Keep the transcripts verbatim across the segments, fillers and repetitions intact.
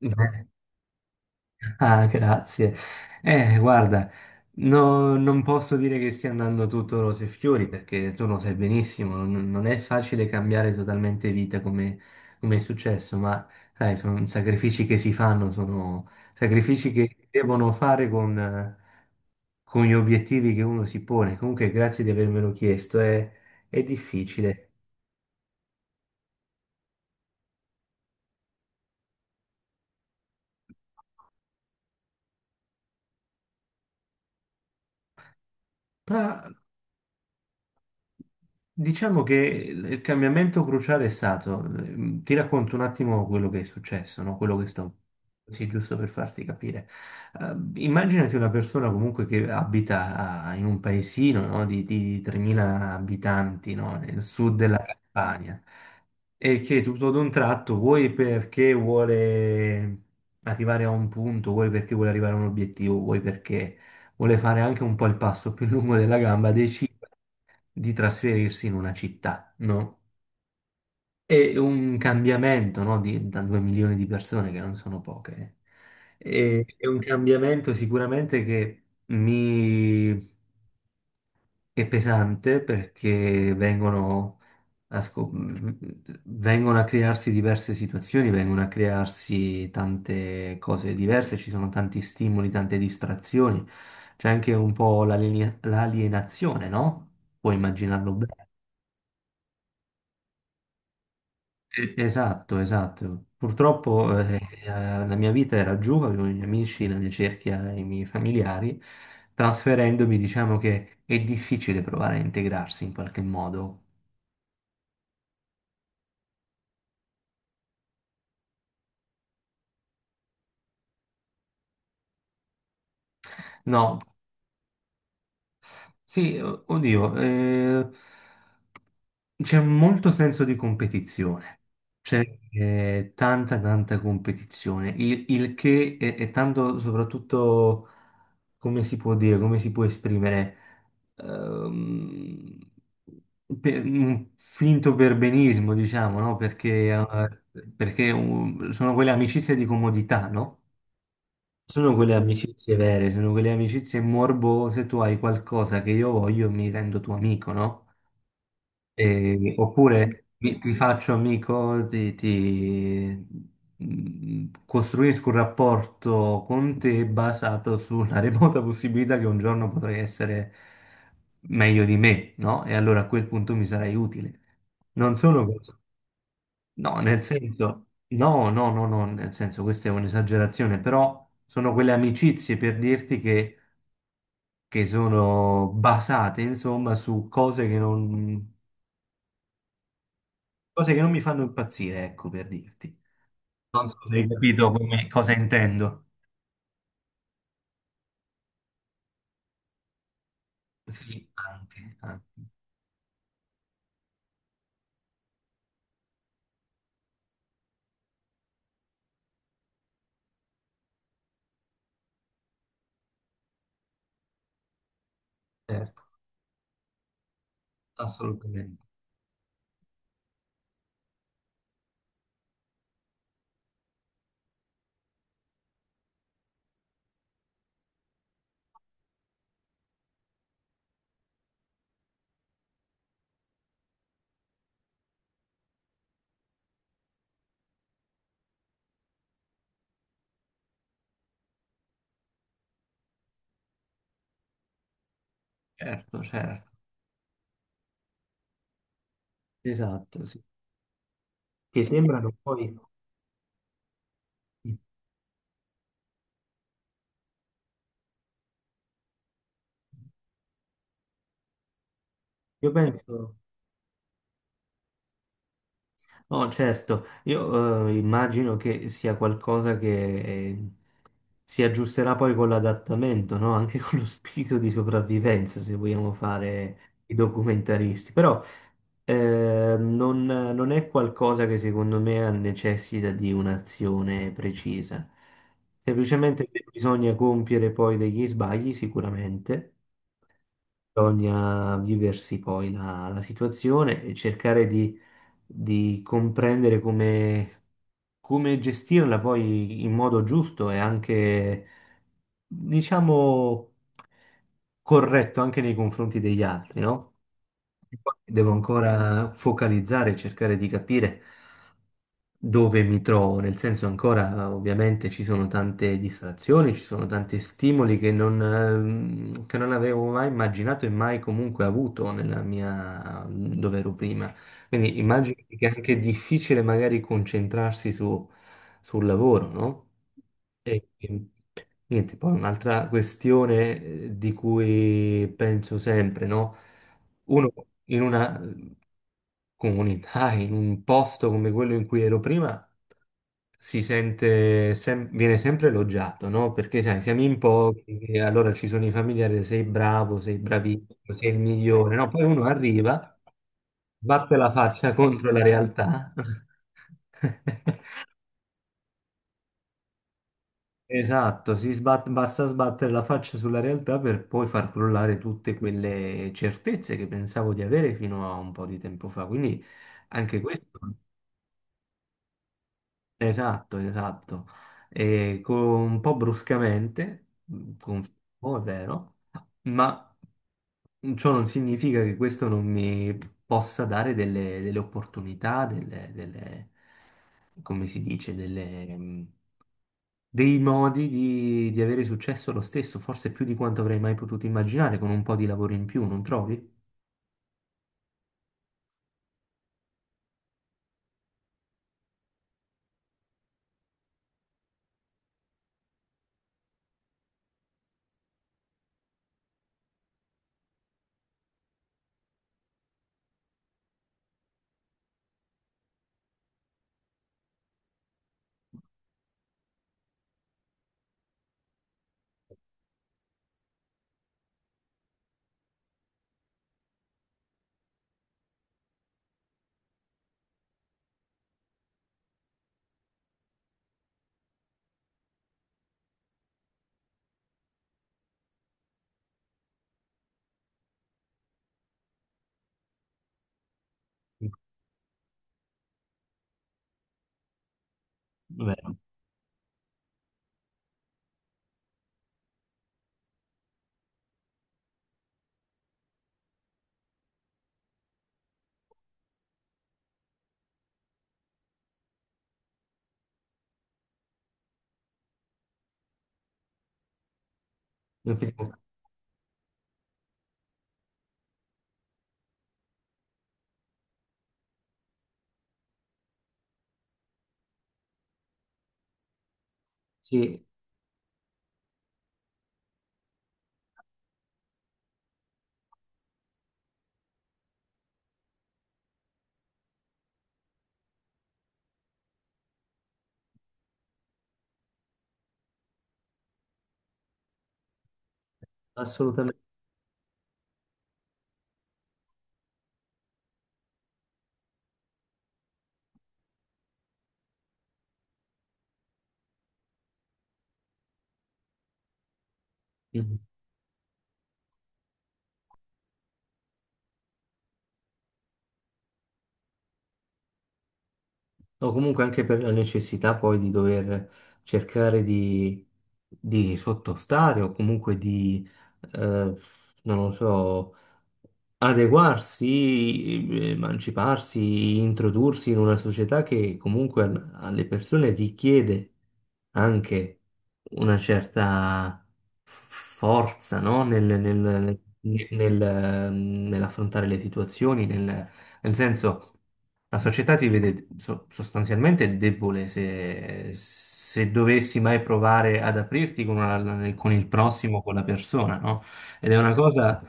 Beh. Ah, grazie. Eh, guarda, no- Non posso dire che stia andando tutto rose e fiori, perché tu lo sai benissimo, non, non è facile cambiare totalmente vita come, come è successo, ma sai, sono sacrifici che si fanno, sono sacrifici che si devono fare con, eh, con gli obiettivi che uno si pone. Comunque, grazie di avermelo chiesto, è, è difficile. Diciamo che il il cambiamento cruciale è stato, ehm, ti racconto un attimo quello che è successo, no? Quello che sto, sì, giusto per farti capire. Ehm, immaginati una persona comunque che abita a- in un paesino, no? Di, di tremila abitanti, no? Nel sud della Campania, e che tutto ad un tratto, vuoi perché vuole arrivare a un punto, vuoi perché vuole arrivare a un obiettivo, vuoi perché vuole fare anche un po' il passo più lungo della gamba, decide di trasferirsi in una città, no? È un cambiamento, no? Di- da due milioni di persone, che non sono poche. Eh. È, è un cambiamento sicuramente che mi è pesante, perché vengono a, scop- vengono a crearsi diverse situazioni, vengono a crearsi tante cose diverse, ci sono tanti stimoli, tante distrazioni, c'è anche un po' l'aliena- l'alienazione, no? Puoi immaginarlo bene. Eh, Esatto, esatto. Purtroppo eh, eh, la mia vita era giù, avevo i miei amici, la mia cerchia, i miei familiari. Trasferendomi, diciamo che è difficile provare a integrarsi in qualche modo. No, sì, o- oddio, eh, c'è molto senso di competizione. C'è eh, tanta, tanta competizione, il, il che è, è tanto soprattutto. Come si può dire, come si può esprimere, ehm, per- un finto perbenismo, diciamo, no? Perché, eh, perché um, sono quelle amicizie di comodità, no? Sono quelle amicizie vere, sono quelle amicizie morbose, tu hai qualcosa che io voglio e mi rendo tuo amico, no? Eh, oppure mi- ti faccio amico, ti, ti- mm, costruisco un rapporto con te basato sulla remota possibilità che un giorno potrai essere meglio di me, no? E allora a quel punto mi sarai utile. Non solo questo, no, nel senso, no, no, no, no, nel senso, questa è un'esagerazione, però sono quelle amicizie per dirti che, che sono basate, insomma, su cose che non... Cose che non mi fanno impazzire, ecco, per dirti. Non so se hai, sì, capito come- cosa intendo. Sì, anche, anche, certo, assolutamente. Certo, certo. Esatto, sì. Che sembrano poi... Io penso... Oh, certo, io eh, immagino che sia qualcosa che eh, si aggiusterà poi con l'adattamento, no? Anche con lo spirito di sopravvivenza, se vogliamo fare i documentaristi. Però eh, non, non è qualcosa che secondo me ha necessita di un'azione precisa. Semplicemente bisogna compiere poi degli sbagli, sicuramente. Bisogna viversi poi la, la situazione e cercare di, di comprendere come, come gestirla poi in modo giusto e anche, diciamo, corretto anche nei confronti degli altri, no? E poi devo ancora focalizzare e cercare di capire dove mi trovo, nel senso ancora ovviamente ci sono tante distrazioni, ci sono tanti stimoli che non, ehm, che non avevo mai immaginato e mai comunque avuto nella mia, dove ero prima. Quindi immagini che è anche difficile magari concentrarsi su- sul lavoro, no? E, e niente, poi un'altra questione eh, di cui penso sempre, no? Uno in una comunità, in un posto come quello in cui ero prima, si sente, sem- viene sempre elogiato, no? Perché sai, siamo in pochi, e allora ci sono i familiari, sei bravo, sei bravissimo, sei il migliore, no? Poi uno arriva. Sbatte la faccia contro la realtà. Esatto, si sbat- basta sbattere la faccia sulla realtà per poi far crollare tutte quelle certezze che pensavo di avere fino a un po' di tempo fa. Quindi anche questo. Esatto, esatto. E con- un po' bruscamente, confermo, è vero, ma ciò non significa che questo non mi possa dare delle, delle opportunità, delle, delle- come si dice, delle, mh, dei modi di, di avere successo lo stesso, forse più di quanto avrei mai potuto immaginare, con un po' di lavoro in più, non trovi? Vero. Sì, assolutamente. O comunque anche per la necessità poi di dover cercare di, di sottostare o comunque di, eh, non lo so, adeguarsi, emanciparsi, introdursi in una società che comunque a- alle persone richiede anche una certa f- forza, no? Nel, nel- nel- nel- nell'affrontare le situazioni, nel nel senso. La società ti vede so- sostanzialmente debole se, se dovessi mai provare ad aprirti con, una- con il prossimo, con la persona, no? Ed è una cosa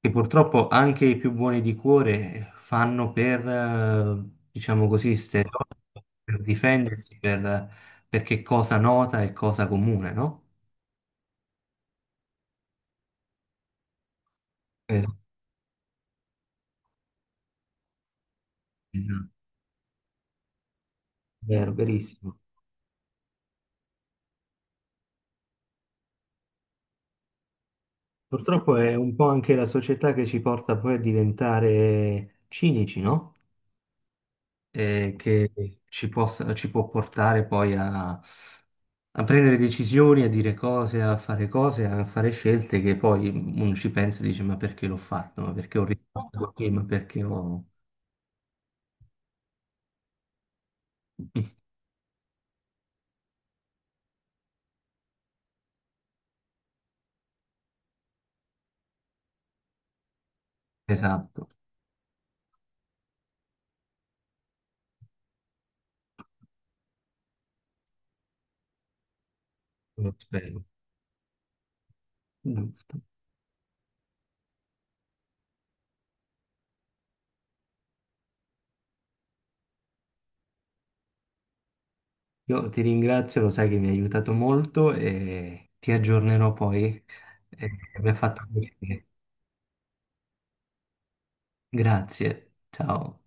che purtroppo anche i più buoni di cuore fanno per, eh, diciamo così, stereotipo, per difendersi, per, perché cosa nota e cosa comune, no? Esatto. Esatto. Vero, verissimo. Purtroppo è un po' anche la società che ci porta poi a diventare cinici, no? Eh, che ci possa- ci può portare poi a, a prendere decisioni, a dire cose, a fare cose, a fare scelte che poi uno ci pensa e dice: ma perché l'ho fatto? Ma perché ho risposto così? Ma perché ho... Esatto, lo spero. Giusto. Io ti ringrazio, lo sai che mi hai aiutato molto, e ti aggiornerò poi. Eh, mi ha fatto piacere. Grazie, ciao.